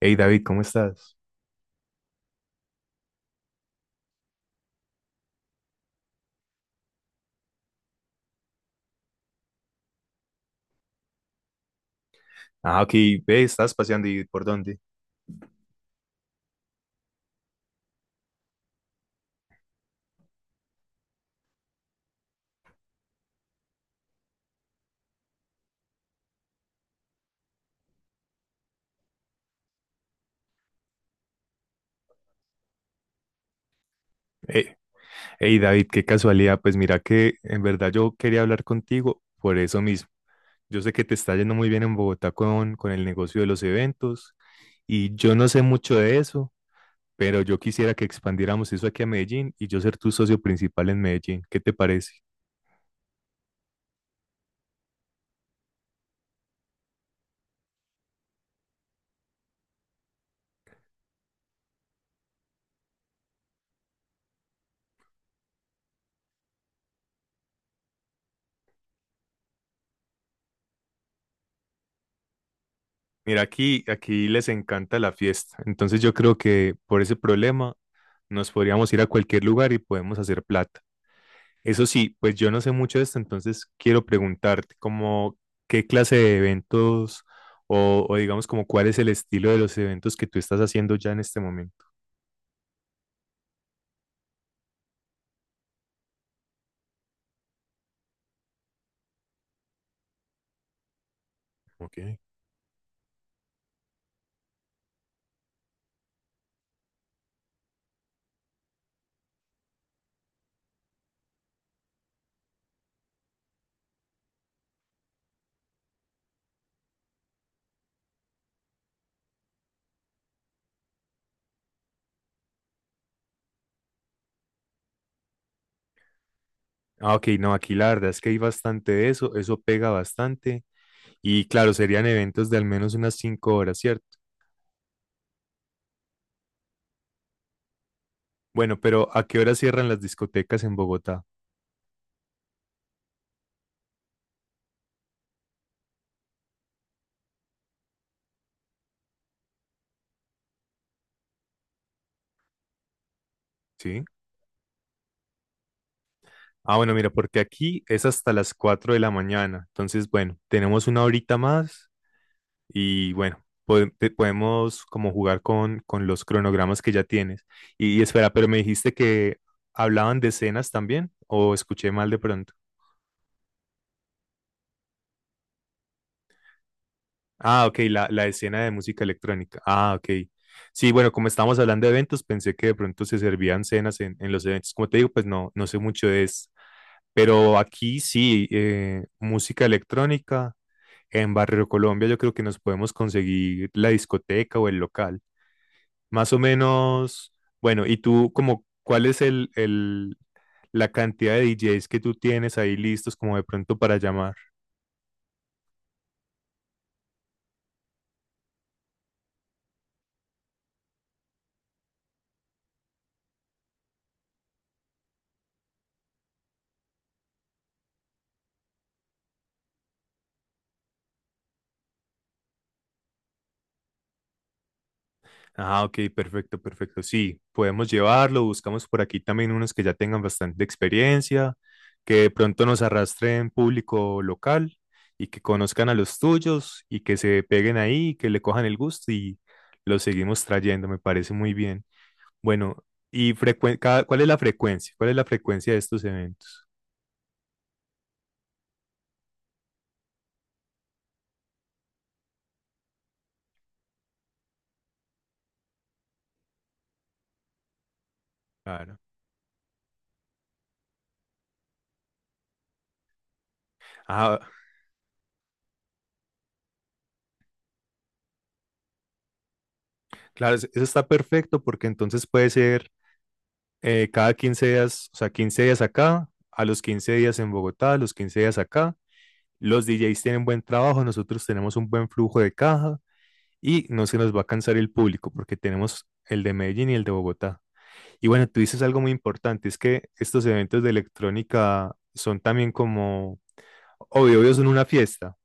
Hey David, ¿cómo estás? Ah, aquí, ve, estás paseando y ¿por dónde? Eh, Hey, David, qué casualidad. Pues mira que en verdad yo quería hablar contigo por eso mismo. Yo sé que te está yendo muy bien en Bogotá con el negocio de los eventos y yo no sé mucho de eso, pero yo quisiera que expandiéramos eso aquí a Medellín y yo ser tu socio principal en Medellín. ¿Qué te parece? Mira, aquí les encanta la fiesta. Entonces yo creo que por ese problema nos podríamos ir a cualquier lugar y podemos hacer plata. Eso sí, pues yo no sé mucho de esto, entonces quiero preguntarte como qué clase de eventos o digamos como cuál es el estilo de los eventos que tú estás haciendo ya en este momento. Ok. Ah, ok, no, aquí la verdad es que hay bastante de eso, eso pega bastante y claro, serían eventos de al menos unas 5 horas, ¿cierto? Bueno, pero ¿a qué hora cierran las discotecas en Bogotá? ¿Sí? Ah, bueno, mira, porque aquí es hasta las 4 de la mañana. Entonces, bueno, tenemos una horita más y bueno, podemos como jugar con los cronogramas que ya tienes. Y espera, pero me dijiste que hablaban de escenas también o escuché mal de pronto. Ah, ok, la escena de música electrónica. Ah, ok. Sí, bueno, como estábamos hablando de eventos, pensé que de pronto se servían cenas en los eventos. Como te digo, pues no sé mucho de eso. Pero aquí sí, música electrónica. En Barrio Colombia yo creo que nos podemos conseguir la discoteca o el local. Más o menos, bueno, ¿y tú como cuál es la cantidad de DJs que tú tienes ahí listos como de pronto para llamar? Ah, ok, perfecto, perfecto. Sí, podemos llevarlo, buscamos por aquí también unos que ya tengan bastante experiencia, que de pronto nos arrastren público local y que conozcan a los tuyos y que se peguen ahí, que le cojan el gusto y los seguimos trayendo, me parece muy bien. Bueno, y ¿cuál es la frecuencia? ¿Cuál es la frecuencia de estos eventos? Claro. Ah, claro, eso está perfecto porque entonces puede ser cada 15 días, o sea, 15 días acá, a los 15 días en Bogotá, a los 15 días acá. Los DJs tienen buen trabajo, nosotros tenemos un buen flujo de caja y no se nos va a cansar el público porque tenemos el de Medellín y el de Bogotá. Y bueno, tú dices algo muy importante, es que estos eventos de electrónica son también como, obvio, obvio, son una fiesta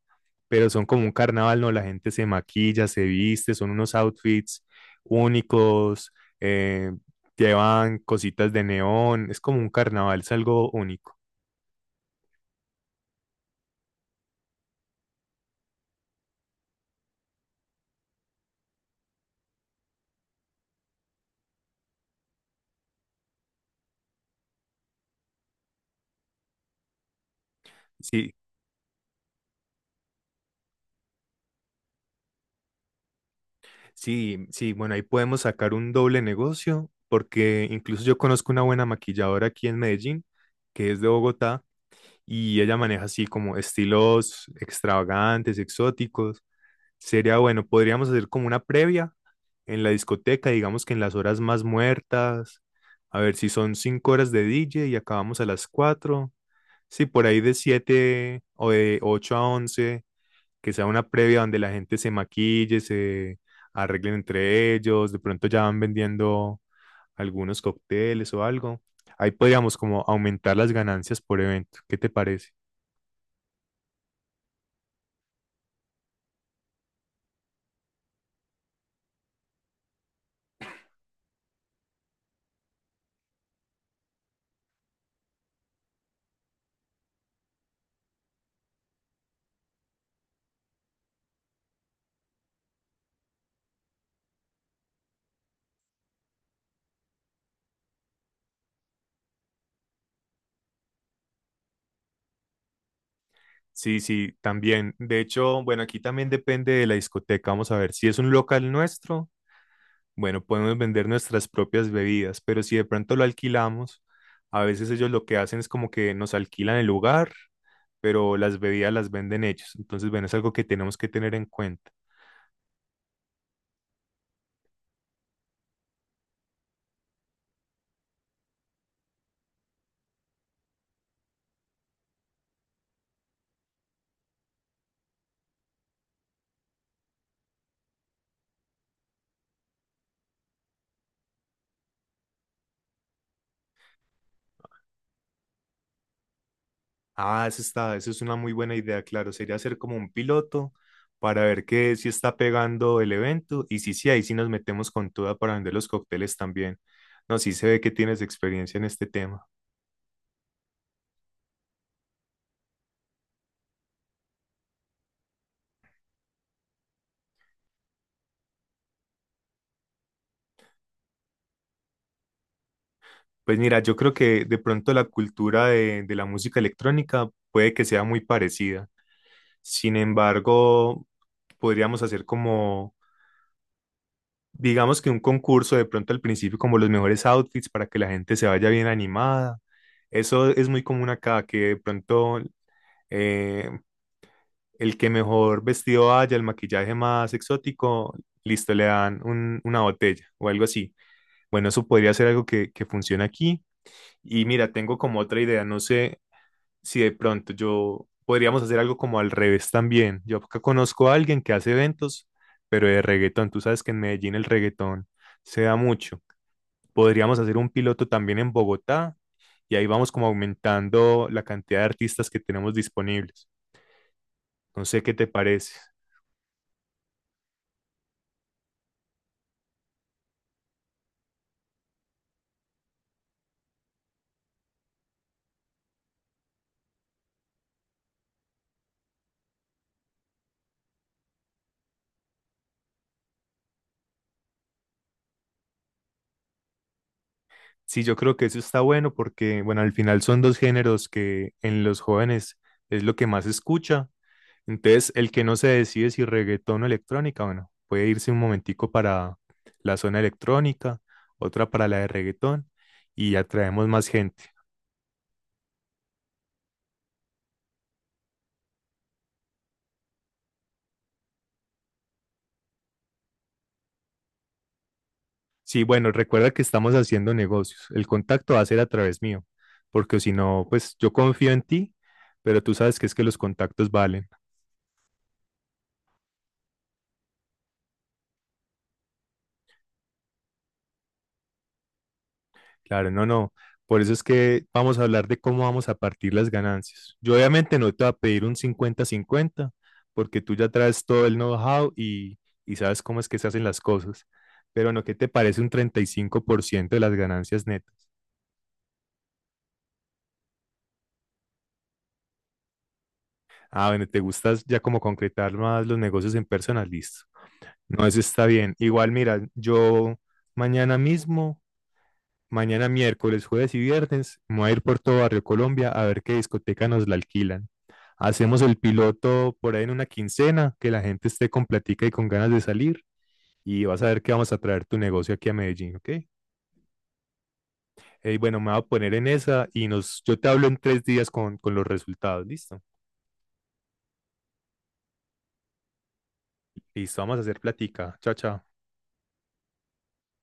pero son como un carnaval, ¿no? La gente se maquilla, se viste, son unos outfits únicos, eh, llevan cositas de neón, es como un carnaval, es algo único. Sí, sí, sí, bueno, ahí podemos sacar un doble negocio, porque incluso yo conozco una buena maquilladora aquí en Medellín, que es de Bogotá, y ella maneja así como estilos extravagantes, exóticos. Sería bueno, podríamos hacer como una previa en la discoteca, digamos que en las horas más muertas, a ver si son 5 horas de DJ y acabamos a las 4. Sí, por ahí de siete o de ocho a once, que sea una previa donde la gente se maquille, se arreglen entre ellos, de pronto ya van vendiendo algunos cócteles o algo. Ahí podríamos como aumentar las ganancias por evento. ¿Qué te parece? Sí, sí, también. De hecho, bueno, aquí también depende de la discoteca. Vamos a ver si es un local nuestro. Bueno, podemos vender nuestras propias bebidas, pero si de pronto lo alquilamos, a veces ellos lo que hacen es como que nos alquilan el lugar, pero las bebidas las venden ellos. Entonces, bueno, es algo que tenemos que tener en cuenta. Ah, eso está, eso es una muy buena idea, claro. Sería hacer como un piloto para ver que si está pegando el evento y si sí, ahí sí nos metemos con toda para vender los cócteles también. No, sí se ve que tienes experiencia en este tema. Pues mira, yo creo que de pronto la cultura de la música electrónica puede que sea muy parecida. Sin embargo, podríamos hacer como, digamos que un concurso de pronto al principio, como los mejores outfits para que la gente se vaya bien animada. Eso es muy común acá, que de pronto eh, el que mejor vestido vaya, el maquillaje más exótico, listo, le dan una botella o algo así. Bueno, eso podría ser algo que funcione aquí. Y mira, tengo como otra idea, no sé, si de pronto yo podríamos hacer algo como al revés también. Yo acá conozco a alguien que hace eventos, pero de reggaetón. Tú sabes que en Medellín el reggaetón se da mucho. Podríamos hacer un piloto también en Bogotá y ahí vamos como aumentando la cantidad de artistas que tenemos disponibles. No sé qué te parece. Sí, yo creo que eso está bueno porque, bueno, al final son dos géneros que en los jóvenes es lo que más se escucha. Entonces, el que no se decide si reggaetón o electrónica, bueno, puede irse un momentico para la zona electrónica, otra para la de reggaetón y atraemos más gente. Sí, bueno, recuerda que estamos haciendo negocios. El contacto va a ser a través mío, porque si no, pues yo confío en ti, pero tú sabes que es que los contactos valen. Claro, no, no. Por eso es que vamos a hablar de cómo vamos a partir las ganancias. Yo obviamente no te voy a pedir un cincuenta-cincuenta, porque tú ya traes todo el know-how y sabes cómo es que se hacen las cosas. Pero no, ¿qué te parece un 35% de las ganancias netas? Ah, bueno, te gustas ya como concretar más los negocios en persona, listo. No, eso está bien. Igual, mira, yo mañana mismo, mañana miércoles, jueves y viernes, me voy a ir por todo Barrio Colombia a ver qué discoteca nos la alquilan. Hacemos el piloto por ahí en una quincena, que la gente esté con platica y con ganas de salir y vas a ver que vamos a traer tu negocio aquí a Medellín, ¿ok? Bueno, me voy a poner en esa y nos, yo te hablo en 3 días con los resultados, ¿listo? Listo, vamos a hacer platica. Chao, chao.